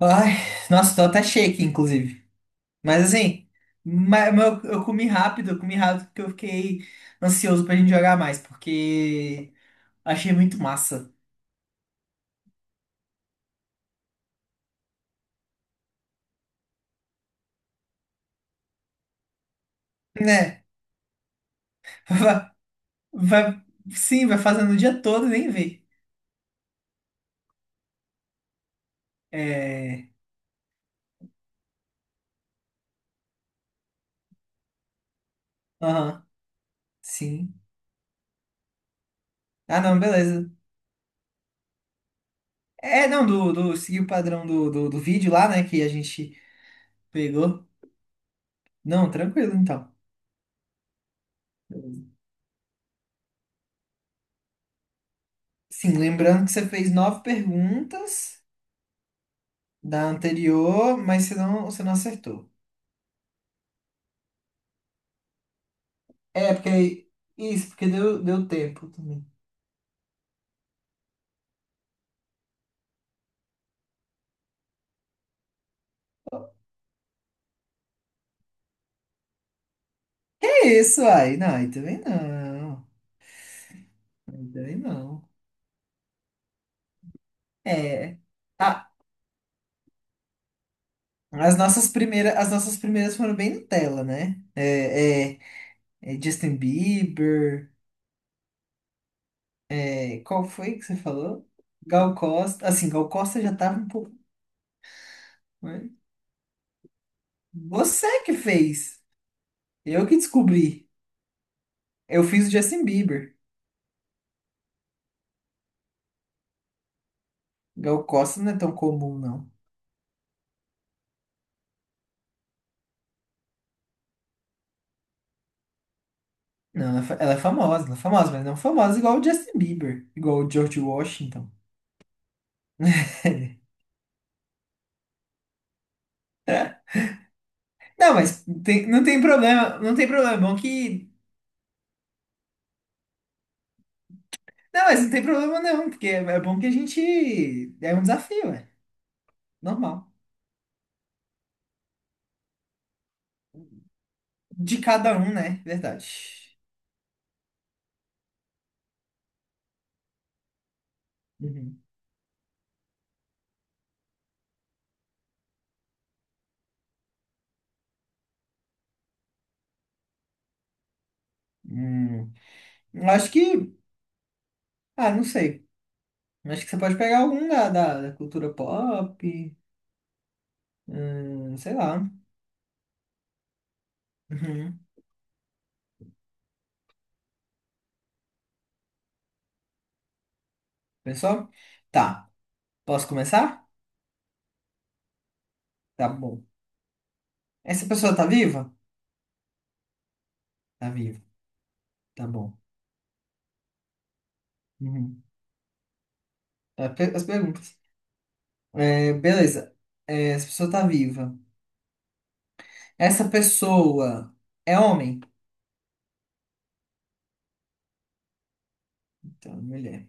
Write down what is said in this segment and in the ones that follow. Ai, nossa, tô até cheio aqui, inclusive. Mas assim, eu comi rápido porque eu fiquei ansioso pra gente jogar mais, porque achei muito massa. Né? Vai, sim, vai fazendo o dia todo, e nem vê. É. Aham, sim. Ah, não, beleza. É, não, do seguir o padrão do vídeo lá, né, que a gente pegou. Não, tranquilo, então. Sim, lembrando que você fez nove perguntas da anterior, mas você não acertou. É, porque. Aí. isso, porque deu tempo também. É isso aí? Não, aí também não. Aí também não. É. Ah, as nossas primeiras foram bem Nutella, né? É Justin Bieber. É, qual foi que você falou? Gal Costa. Assim, Gal Costa já tava um pouco, mas você que fez. Eu que descobri. Eu fiz o Justin Bieber. Gal Costa não é tão comum, não. Não, ela é famosa, mas não famosa igual o Justin Bieber, igual o George Washington. Não, mas não tem problema, é bom que... Não, mas não tem problema não, porque é bom que... a gente... É um desafio, é normal. De cada um, né? Verdade. Uhum. Hum, eu acho que... Ah, não sei. Eu acho que você pode pegar algum da, da cultura pop, sei lá. Uhum. Pensou? Tá, posso começar? Tá bom. Essa pessoa tá viva? Tá viva. Tá bom. Uhum. É, as perguntas. É, beleza. É, essa pessoa tá viva. Essa pessoa é homem? Então, é mulher.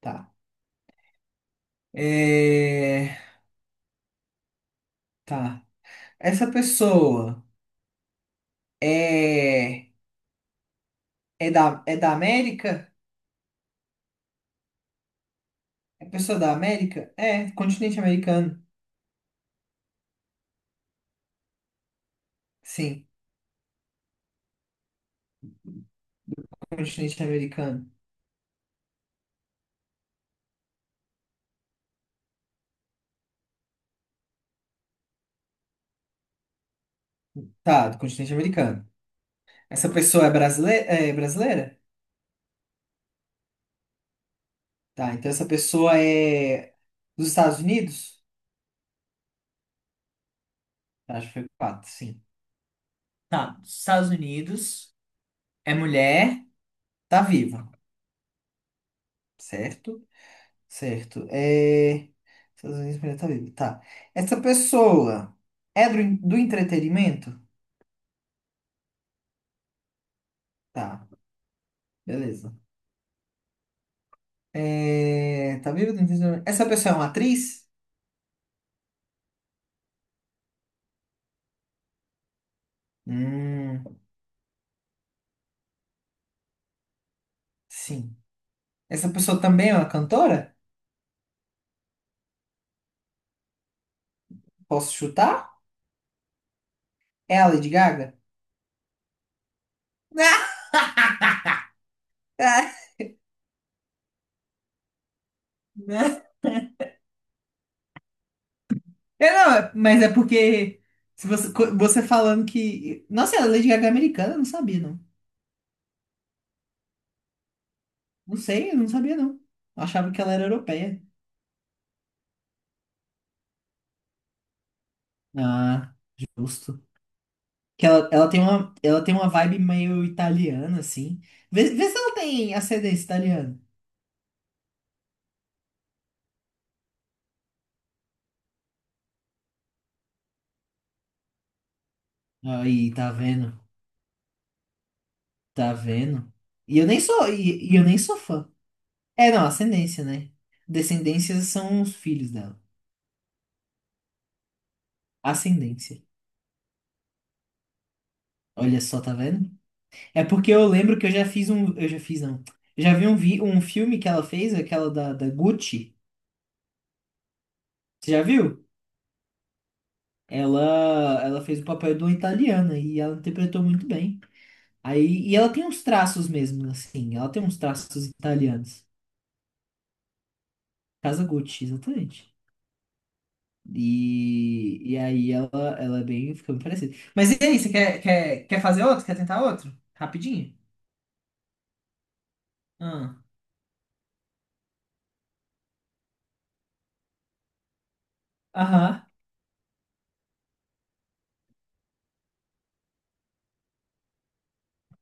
Tá. É, tá. Essa pessoa é, é da América? É pessoa da América? É, continente americano. Sim, continente americano. Tá, do continente americano. Essa pessoa é brasileira? É brasileira? Tá, então essa pessoa é dos Estados Unidos? Acho que foi quatro, sim. Tá, Estados Unidos, é mulher, tá viva, certo? Certo. É... Estados Unidos, mulher tá viva. Tá. Essa pessoa é do entretenimento? Tá, beleza. É... Tá viva do entretenimento. Essa pessoa é uma atriz? Hum, sim. Essa pessoa também é uma cantora? Posso chutar? É a Lady Gaga? Ah, né? É, não, mas é porque se você, co- você falando que. Nossa, a Lady Gaga é americana, eu não sabia, não. Não sei, eu não sabia não. Eu achava que ela era europeia. Ah, justo. Que ela tem uma vibe meio italiana, assim. Vê se ela tem ascendência italiana. Aí, tá vendo? Tá vendo? E eu nem sou, e eu nem sou fã. É, não, ascendência, né? Descendências são os filhos dela. Ascendência. Olha só, tá vendo? É porque eu lembro que eu já fiz um, eu já fiz não. Eu já vi um filme que ela fez, aquela da, da Gucci. Você já viu? Ela fez o papel de uma italiana e ela interpretou muito bem. Aí, e ela tem uns traços mesmo, assim, ela tem uns traços italianos. Casa Gucci, exatamente. E aí ela fica bem parecida. Mas e aí, você quer fazer outro? Quer tentar outro? Rapidinho? Ah, aham.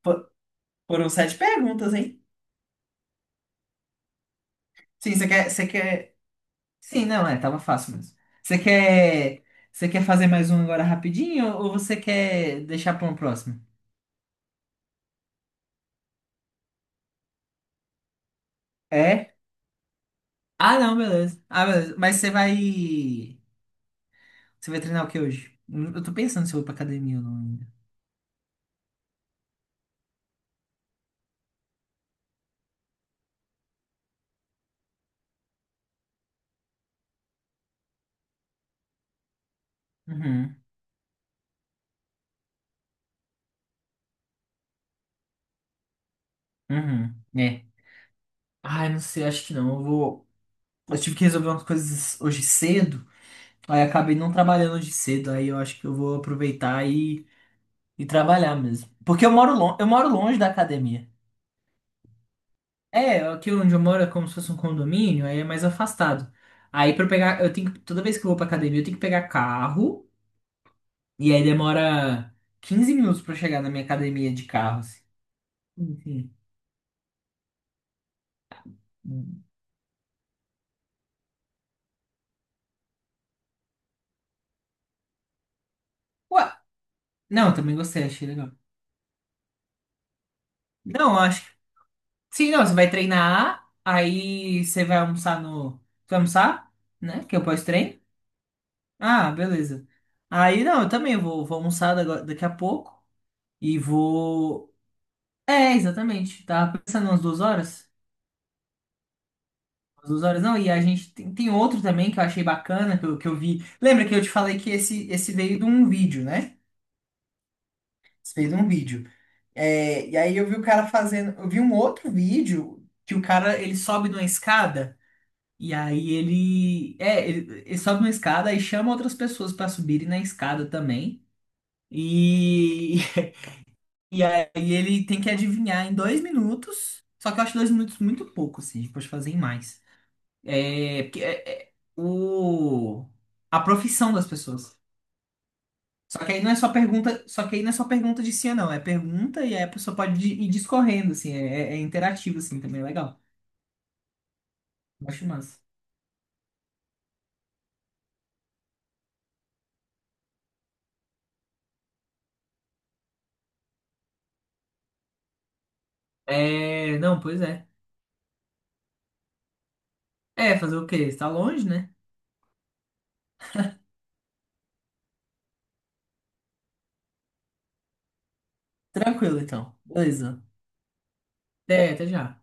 Fo- Foram sete perguntas, hein? Sim, você quer... Sim, não, é, tava fácil mesmo. Você quer, você quer fazer mais um agora rapidinho ou você quer deixar para um próximo? É? Ah, não, beleza. Ah, beleza. Mas você vai. Você vai treinar o que hoje? Eu tô pensando se eu vou pra academia ou não ainda. Uhum, uhum. É. Ai, não sei, acho que não. Eu vou. Eu tive que resolver umas coisas hoje cedo. Aí acabei não trabalhando hoje cedo. Aí eu acho que eu vou aproveitar e trabalhar mesmo. Porque eu moro longe da academia. É, aqui onde eu moro é como se fosse um condomínio, aí é mais afastado. Aí pra eu pegar. Eu tenho que... Toda vez que eu vou pra academia, eu tenho que pegar carro. E aí demora 15 minutos pra chegar na minha academia de carro, assim. Enfim. Ué, não, também gostei, achei legal. Não, acho que. Sim, não, você vai treinar, aí você vai almoçar no. Você vai almoçar, né? Que é o pós-treino. Ah, beleza. Aí não, eu também vou almoçar daqui a pouco. E vou. É, exatamente. Tava pensando umas 2 horas. Umas duas horas, não. E a gente tem outro também que eu achei bacana, que eu vi. Lembra que eu te falei que esse veio de um vídeo, né? Fez um vídeo. É, e aí eu vi o cara fazendo, eu vi um outro vídeo que o cara ele sobe numa escada e aí ele sobe numa escada e chama outras pessoas pra subirem na escada também. E e aí ele tem que adivinhar em 2 minutos. Só que eu acho 2 minutos muito pouco, assim, a gente pode fazer em mais. É, porque é, é, o a profissão das pessoas. Só que aí não é só pergunta de sim ou não, é pergunta e aí a pessoa pode ir discorrendo, assim, é interativo, assim, também é legal. Eu acho massa. É, não, pois é. É, fazer o quê? Está longe, né? Tranquilo, então. Beleza. É, até já.